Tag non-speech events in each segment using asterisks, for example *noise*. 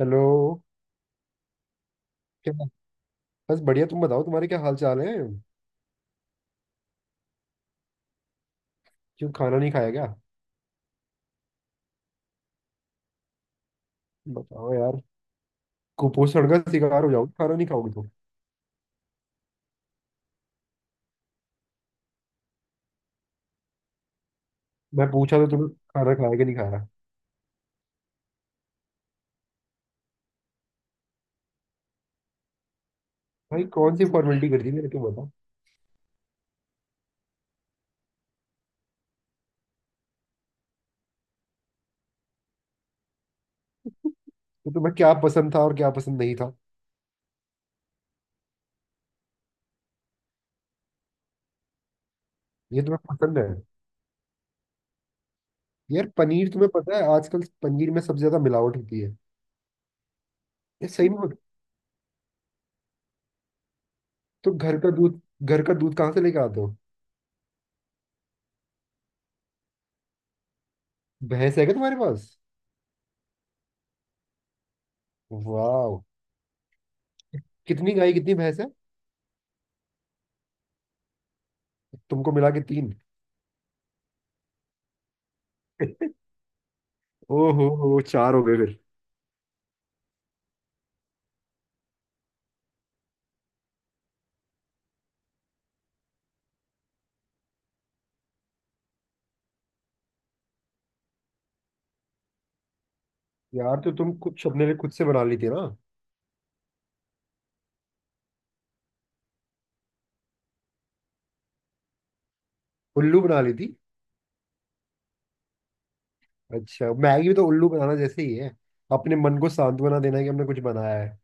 Hello. क्या? बस बढ़िया, तुम बताओ, तुम्हारे क्या हाल चाल है? क्यों, खाना नहीं खाया क्या? बताओ यार। कुपोषण का शिकार हो जाओगे खाना नहीं खाओगे तो। मैं पूछा तो तुमने, खाना खाया कि नहीं खाया? भाई कौन सी फॉर्मेलिटी कर दी मेरे को बताओ? तो तुम्हें क्या पसंद था और क्या पसंद नहीं था? ये तुम्हें पसंद है? यार पनीर, तुम्हें पता है आजकल पनीर में सबसे ज्यादा मिलावट होती है। ये सही में होता- तो घर का दूध, घर का दूध कहाँ से लेके आते हो? भैंस है क्या तुम्हारे पास? वाह। कितनी गाय कितनी भैंस है? तुमको मिला के तीन। *laughs* ओहो हो, चार हो गए फिर। यार तो तुम कुछ अपने लिए खुद से बना ली थी ना? उल्लू बना ली थी। अच्छा, मैगी भी तो उल्लू बनाना जैसे ही है। अपने मन को सांत्वना देना है कि हमने कुछ बनाया है।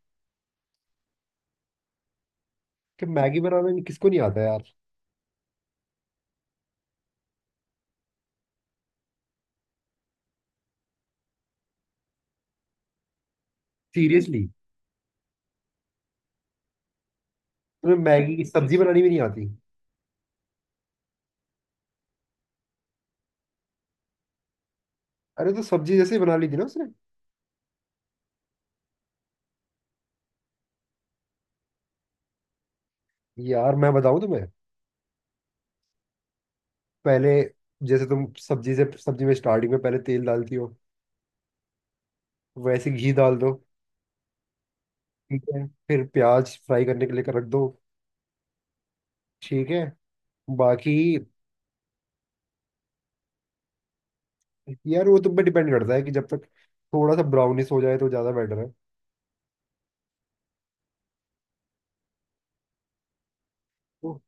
कि मैगी बनाना नहीं- किसको नहीं आता यार? सीरियसली? तुम्हें मैगी की सब्जी बनानी भी नहीं आती? अरे तो सब्जी जैसे ही बना ली थी ना उसने। यार मैं बताऊं तुम्हें। पहले, जैसे तुम सब्जी से सब्जी में स्टार्टिंग में पहले तेल डालती हो, वैसे घी डाल दो। ठीक है, फिर प्याज फ्राई करने के लिए कर रख दो। ठीक है। बाकी यार, वो तुम पे डिपेंड करता है कि जब तक थोड़ा सा ब्राउनिश हो जाए तो ज्यादा बेटर है। तो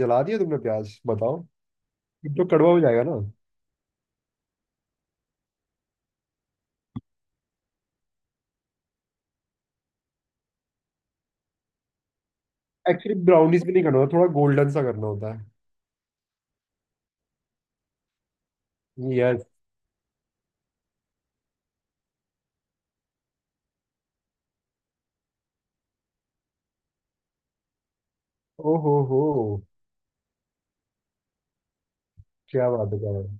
जला दिया तुमने प्याज बताओ? फिर तो कड़वा हो जाएगा ना। एक्चुअली ब्राउनिश भी नहीं करना होता, थोड़ा गोल्डन सा करना होता है। यस। ओ हो हो। क्या बात है, क्या बात है।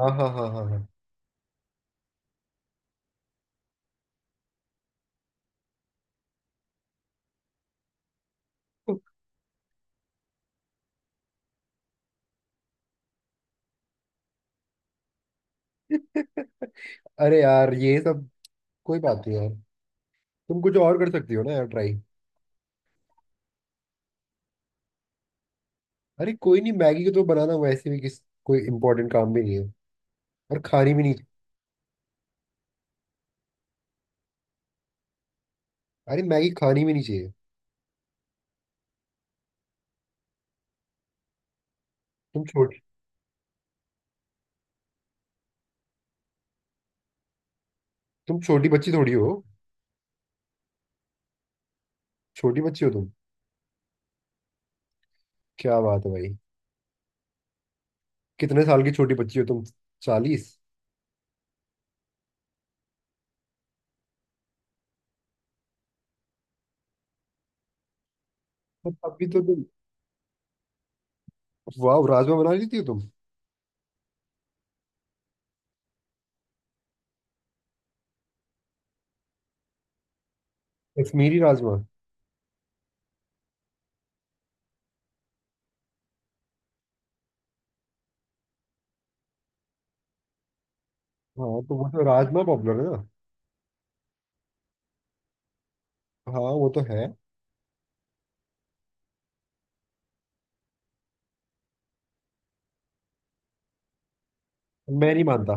हाँ हाँ हाँ हाँ हाँ। *laughs* अरे यार ये सब। कोई बात नहीं यार। तुम कुछ और कर सकती हो ना यार, ट्राई। अरे कोई नहीं, मैगी को तो बनाना वैसे भी किस। कोई इम्पोर्टेंट काम भी नहीं है। और खानी भी नहीं। अरे मैगी खानी भी नहीं चाहिए। तुम छोटी। तुम छोटी बच्ची थोड़ी हो। छोटी बच्ची हो तुम। क्या बात है भाई। कितने साल की छोटी बच्ची हो तुम? 40। बट अभी तो तुम, वाह, राजमा बना लेती हो तुम। कश्मीरी राजमा। हाँ तो वो तो राजमा पॉपुलर है ना। हाँ वो तो है। मैं नहीं मानता।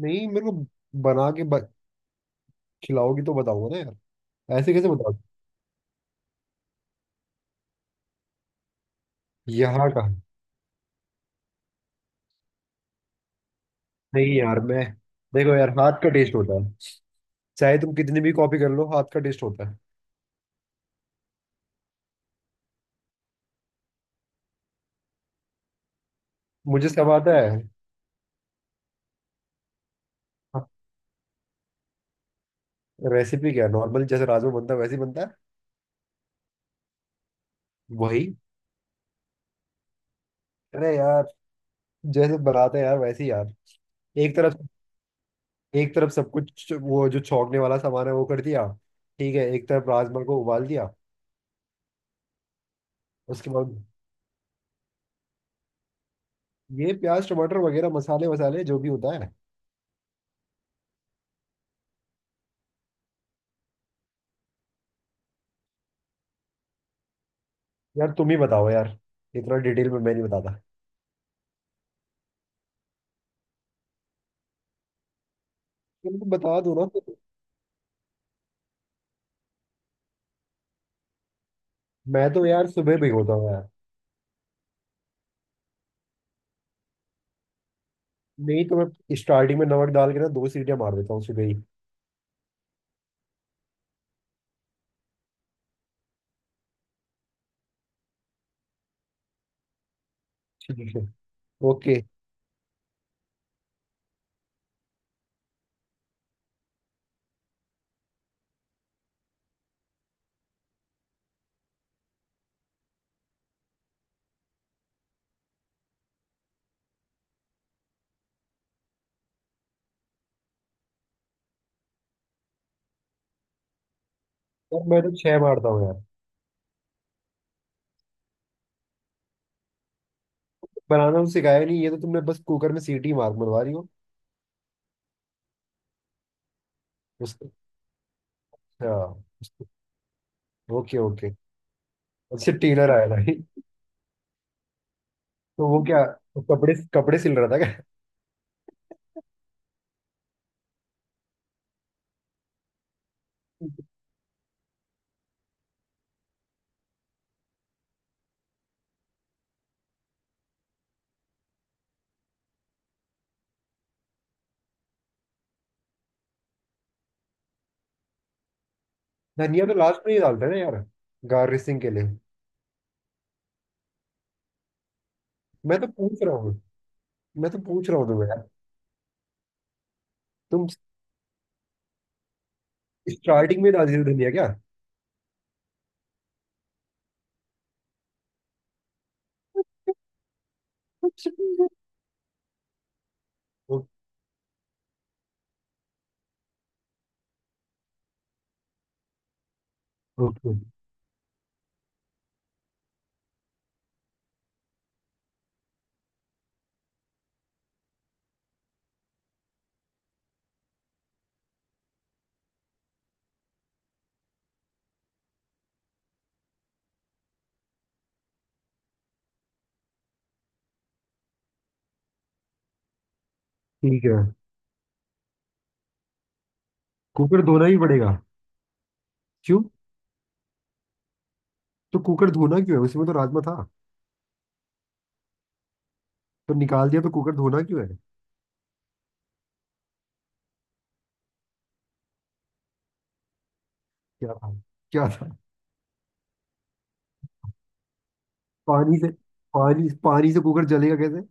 नहीं मेरे को, बना के खिलाओगी तो बताऊंगा ना यार। ऐसे कैसे बताओ? यहाँ का। नहीं यार मैं, देखो यार हाथ का टेस्ट होता है। चाहे तुम कितनी भी कॉपी कर लो हाथ का टेस्ट होता है। मुझे सब आता है। रेसिपी क्या है, नॉर्मल जैसे राजमा बनता है वैसे ही बनता है। वही। अरे यार, जैसे बनाते हैं यार वैसे ही यार। एक तरफ, एक तरफ सब कुछ वो जो छोंकने वाला सामान है वो कर दिया। ठीक है, एक तरफ राजमा को उबाल दिया। उसके बाद ये प्याज टमाटर वगैरह मसाले वसाले जो भी होता है। यार तुम ही बताओ यार, इतना डिटेल में मैं नहीं बताता। तुम तो बता दो ना फिर। मैं तो यार सुबह भिगोता हूँ यार। नहीं तो मैं स्टार्टिंग में नमक डाल के ना दो सीटियां मार देता हूँ सुबह ही। ठीक है। ओके। यार मैं तो छह मारता हूँ यार। बनाना तो सिखाया नहीं, ये तो तुमने बस कुकर में सीटी मार मरवा रही हो। उसके। अच्छा। Okay okay. अच्छा टेलर आया था? तो वो क्या कपड़े कपड़े सिल रहा था क्या? धनिया तो लास्ट में ही डालते हैं ना यार, गार्निशिंग के लिए। मैं तो पूछ रहा हूँ, मैं तो पूछ रहा हूँ तुम्हें यार। तुम स्टार्टिंग में डाल रही हो धनिया क्या? *laughs* ओ- ओके। ठीक है कुकर धोना ही पड़ेगा? क्यों? तो कुकर धोना क्यों है, उसमें तो राजमा था। तो निकाल दिया तो कुकर धोना क्यों है? क्या था? क्या था? पानी से, पानी पानी से कुकर जलेगा कैसे?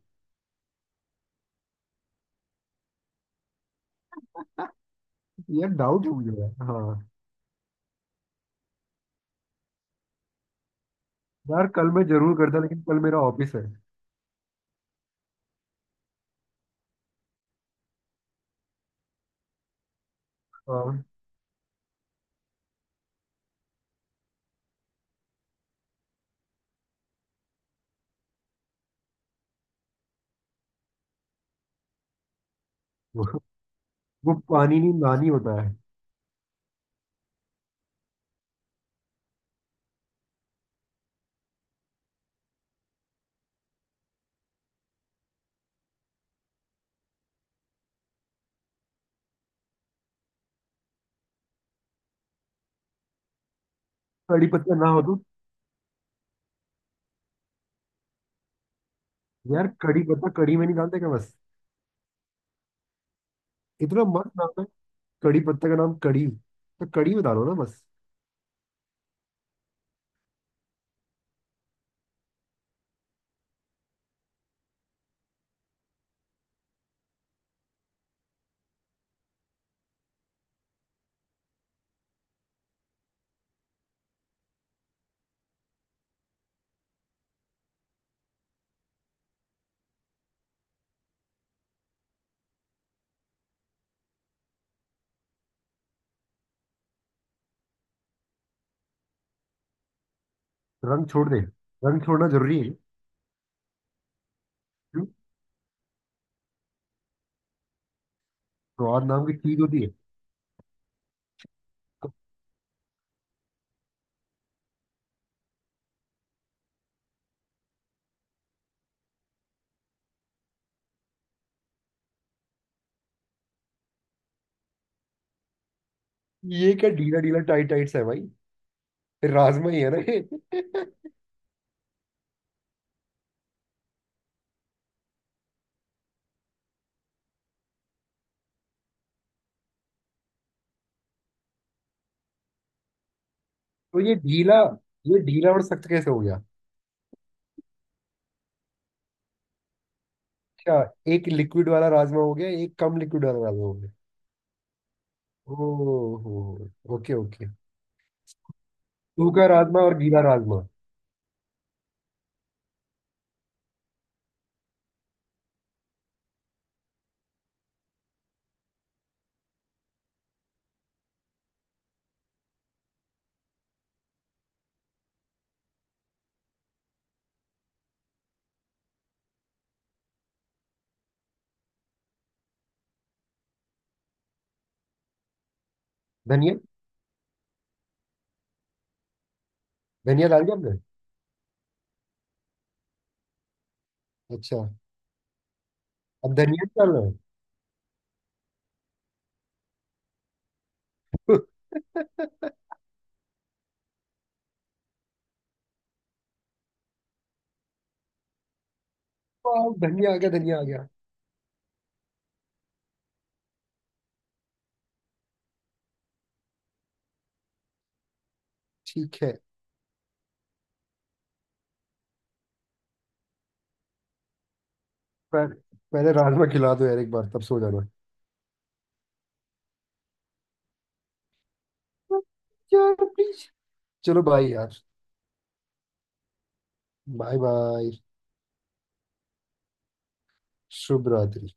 *laughs* यार डाउट है मुझे यार, हाँ। यार कल मैं जरूर करता लेकिन कल मेरा ऑफिस है। हाँ वो पानी नहीं नानी होता है। कड़ी पत्ता ना हो तो? यार कड़ी पत्ता कड़ी में नहीं डालते क्या बस? इतना मस्त नाम है, कड़ी पत्ता का नाम कड़ी, तो कड़ी बता दो ना बस। रंग छोड़ दे, रंग छोड़ना जरूरी है? क्यों? स्वाद नाम की चीज होती है? तो ये क्या ढीला ढीला टाइट टाइट सा है भाई? राजमा ही है ना ये। *laughs* तो ये ढीला और सख्त कैसे हो गया? अच्छा, एक लिक्विड वाला राजमा हो गया एक कम लिक्विड वाला राजमा हो गया। ओ हो। Okay okay. सूखा राजमा और गीला राजमा। धनिया। धनिया डाल दिया आपने? अच्छा, अब धनिया डाल रहे हो? *laughs* वाह, धनिया आ गया, धनिया आ गया। ठीक है। पर पहले राजमा खिला दो यार एक बार तब सो जाना। *laughs* यार प्लीज। चलो बाय यार। Bye bye. शुभ रात्रि।